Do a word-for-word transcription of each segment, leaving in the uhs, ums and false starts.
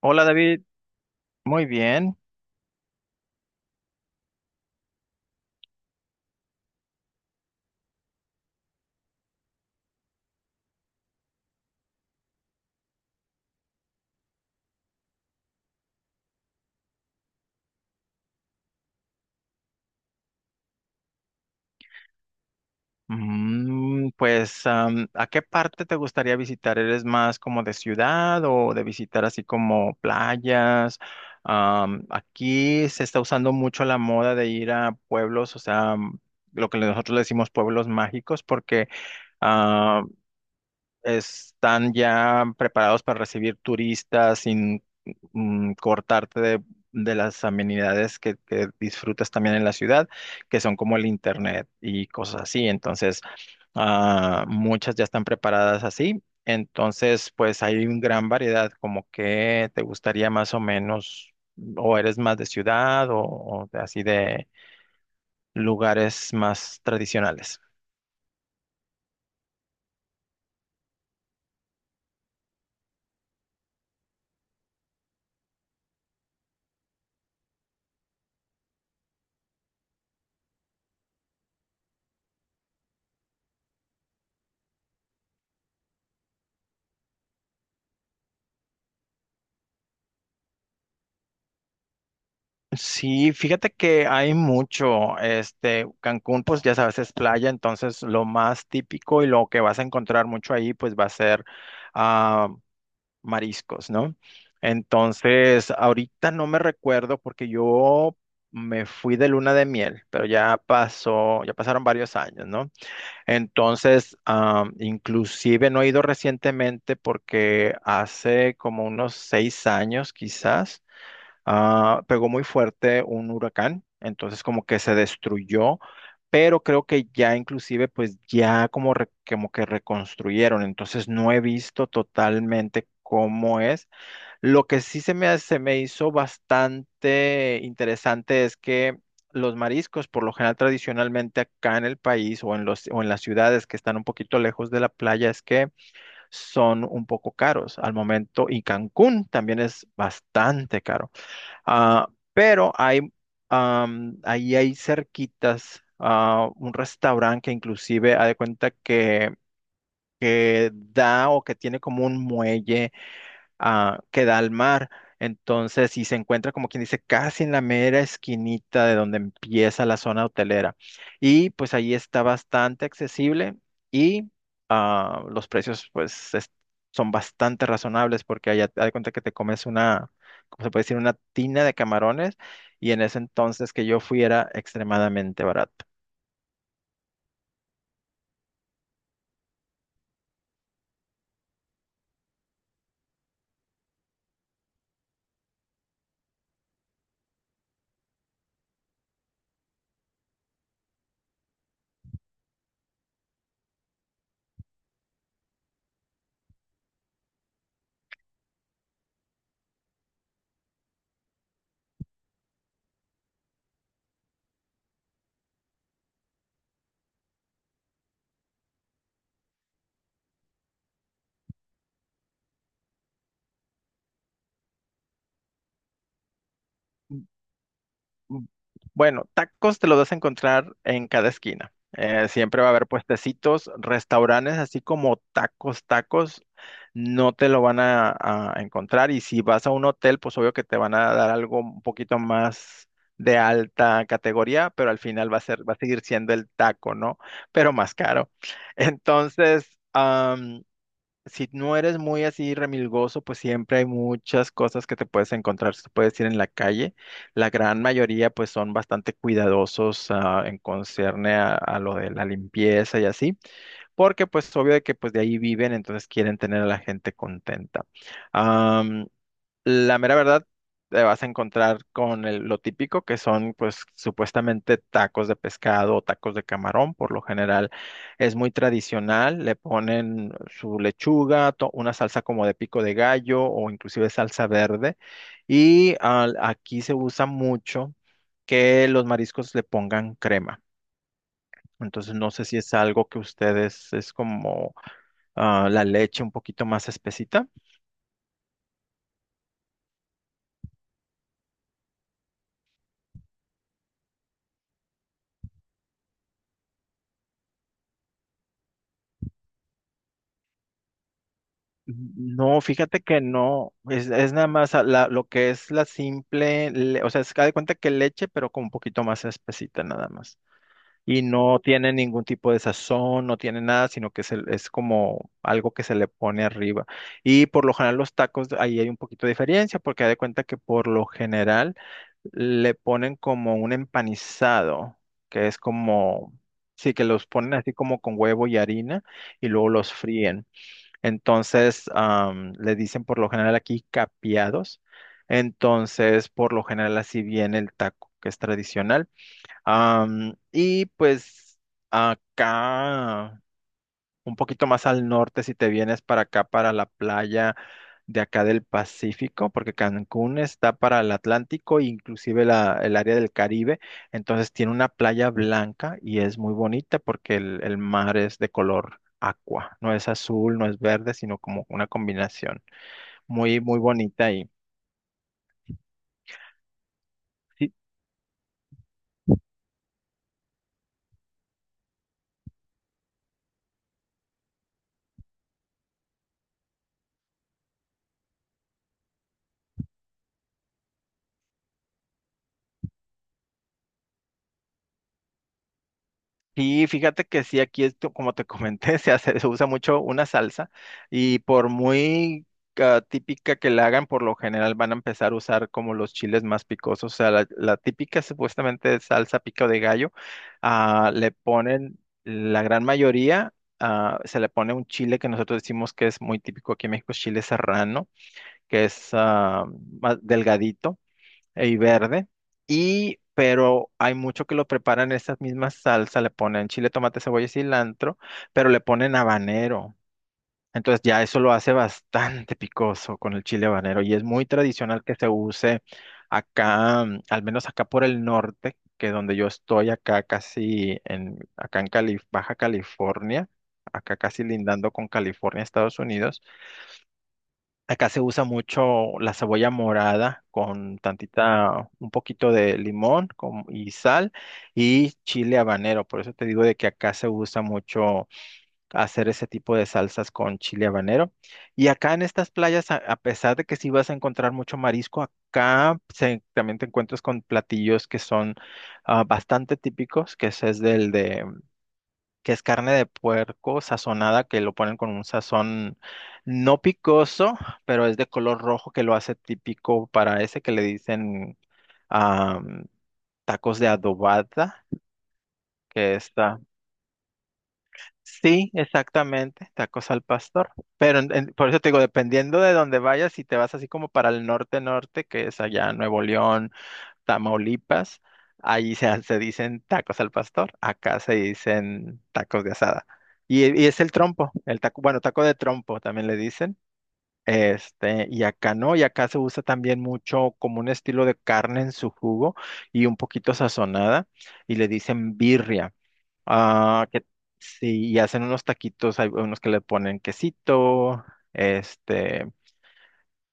Hola David, muy bien. Mm, pues, am, ¿a qué parte te gustaría visitar? ¿Eres más como de ciudad o de visitar así como playas? Am, aquí se está usando mucho la moda de ir a pueblos, o sea, am, lo que nosotros le decimos pueblos mágicos, porque están ya preparados para recibir turistas sin mm, cortarte de, de las amenidades que, que disfrutas también en la ciudad, que son como el internet y cosas así. Entonces, ah, muchas ya están preparadas así. Entonces, pues hay una gran variedad, como que te gustaría más o menos, o eres más de ciudad o, o de- así de lugares más tradicionales. Sí, fíjate que hay mucho, este, Cancún, pues ya sabes, es playa, entonces lo más típico y lo que vas a encontrar mucho ahí, pues va a ser ah, mariscos, ¿no? Entonces, ahorita no me recuerdo porque yo me fui de luna de miel, pero ya pasó, ya pasaron varios años, ¿no? Entonces, ah, inclusive no he ido recientemente porque hace como unos seis años quizás ah, pegó muy fuerte un huracán, entonces como que se destruyó, pero creo que ya inclusive pues ya como, re- como que reconstruyeron, entonces no he visto totalmente cómo es. Lo que sí se me, ha- se me hizo bastante interesante es que los mariscos, por lo general tradicionalmente acá en el país o en los, o en las ciudades que están un poquito lejos de la playa, es que son un poco caros al momento y Cancún también es bastante caro. Ah, pero hay, am, ahí hay cerquitas ah, un restaurante que inclusive ha de cuenta que, que da o que tiene como un muelle ah, que da al mar. Entonces, si se encuentra, como quien dice, casi en la mera esquinita de donde empieza la zona hotelera. Y pues ahí está bastante accesible y ah, los precios pues es- son bastante razonables porque allá te das cuenta que te comes una, ¿cómo se puede decir? Una tina de camarones y en ese entonces que yo fui era extremadamente barato. Mm, Bueno, tacos te los vas a encontrar en cada esquina. Eh, siempre va a haber puestecitos, restaurantes, así como tacos, tacos, no te lo van a, a encontrar. Y si vas a un hotel, pues obvio que te van a dar algo un poquito más de alta categoría, pero al final va a ser, va a seguir siendo el taco, ¿no? Pero más caro. Entonces, si no eres muy así remilgoso, pues siempre hay muchas cosas que te puedes encontrar, te puedes ir en la calle. La gran mayoría pues son bastante cuidadosos ah, en concerne a, a lo de la limpieza y así, porque pues obvio de que pues de ahí viven, entonces quieren tener a la gente contenta. La mera verdad, te vas a encontrar con el- lo típico que son, pues, supuestamente tacos de pescado o tacos de camarón. Por lo general es muy tradicional. Le ponen su lechuga, to- una salsa como de pico de gallo o inclusive salsa verde. Y al- aquí se usa mucho que los mariscos le pongan crema. Entonces, no sé si es algo que ustedes es como ah, la leche un poquito más espesita. No, fíjate que no, es, es nada más a la- lo que es la simple, le- o sea, es que haz de cuenta que leche, pero con un poquito más espesita nada más. Y no tiene ningún tipo de sazón, no tiene nada, sino que es, el- es como algo que se le pone arriba. Y por lo general los tacos, ahí hay un poquito de diferencia, porque haz de cuenta que por lo general le ponen como un empanizado, que es como, sí, que los ponen así como con huevo y harina, y luego los fríen. Entonces, am, le dicen por lo general aquí capiados. Entonces, por lo general así viene el taco, que es tradicional. Am, y pues acá un poquito más al norte si te vienes para acá, para la playa de acá del Pacífico, porque Cancún está para el Atlántico e inclusive la- el área del Caribe. Entonces tiene una playa blanca y es muy bonita porque el, el mar es de color aqua, no es azul, no es verde, sino como una combinación muy, muy bonita ahí. Sí, fíjate que sí, aquí esto, como te comenté, se hace, se usa mucho una salsa y por muy ah, típica que la hagan, por lo general van a empezar a usar como los chiles más picosos. O sea, la, la típica supuestamente salsa pico de gallo, ah, le ponen la gran mayoría, ah, se le pone un chile que nosotros decimos que es muy típico aquí en México, chile serrano, que es ah, más delgadito y verde. Y, pero hay mucho que lo preparan esas mismas salsas, le ponen chile, tomate, cebolla y cilantro, pero le ponen habanero. Entonces ya eso lo hace bastante picoso con el chile habanero y es muy tradicional que se use acá, mm, al menos acá por el norte, que donde yo estoy acá casi en acá en Cali- Baja California, acá casi lindando con California, Estados Unidos. Acá se usa mucho la cebolla morada con tantita, un poquito de limón con- y sal y chile habanero. Por eso te digo de que acá se usa mucho hacer ese tipo de salsas con chile habanero. Y acá en estas playas, a, a pesar de que sí vas a encontrar mucho marisco, acá se- también te encuentras con platillos que son ah, bastante típicos, que ese es del de que es carne de puerco sazonada, que lo ponen con un sazón no picoso, pero es de color rojo que lo hace típico para ese que le dicen am, tacos de adobada, que está. Sí, exactamente, tacos al pastor. Pero en- en- por eso te digo, dependiendo de dónde vayas, si te vas así como para el norte-norte, que es allá Nuevo León, Tamaulipas, ahí se, se dicen tacos al pastor, acá se dicen tacos de asada. Y, y es el trompo, el taco, bueno, taco de trompo también le dicen. Este, y acá no, y acá se usa también mucho como un estilo de carne en su jugo y un poquito sazonada, y le dicen birria. Ah, que sí, y hacen unos taquitos, hay unos que le ponen quesito, este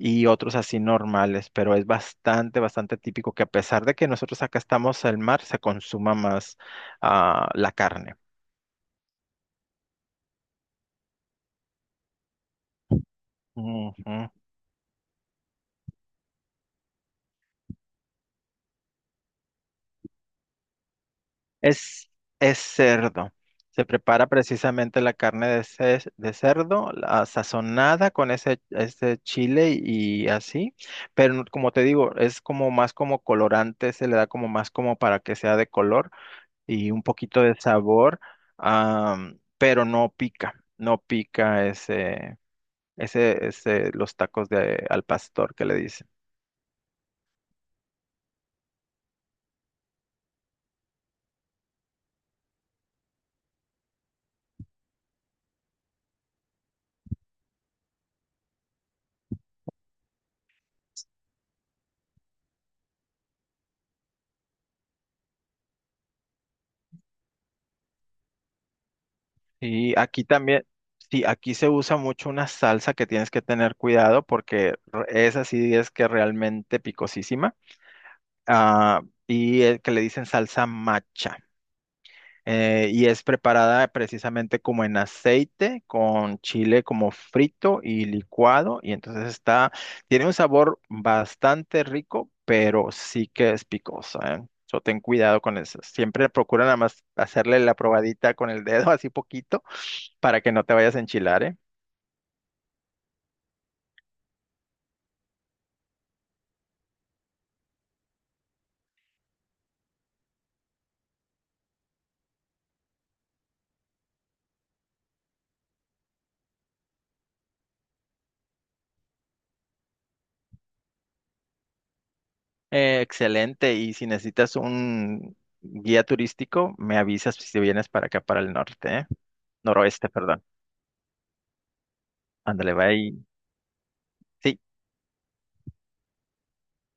y otros así normales, pero es bastante, bastante típico que a pesar de que nosotros acá estamos al mar, se consuma más ah, la carne. Ujú. Es, es cerdo. Se prepara precisamente la carne de, ce- de cerdo, la sazonada con ese, ese chile y así, pero no- como te digo, es como más como colorante, se le da como más como para que sea de color y un poquito de sabor, ah, pero no pica, no pica ese, Ese, ese, los tacos de al pastor que le dicen. Y aquí también, sí, aquí se usa mucho una salsa que tienes que tener cuidado porque re- esa sí es que realmente picosísima. Ah, y el que le dicen salsa macha. Eh, y es preparada precisamente como en aceite, con chile como frito y licuado, y entonces está, tiene un sabor bastante rico, pero sí que es picosa, ¿eh? So, ten cuidado con eso. Siempre procura nada más hacerle la probadita con el dedo, así poquito, para que no te vayas a enchilar, ¿eh? Eh, excelente, y si necesitas un guía turístico, me avisas si vienes para acá, para el norte, ¿eh? Noroeste, perdón. Ándale, va ahí. Sí.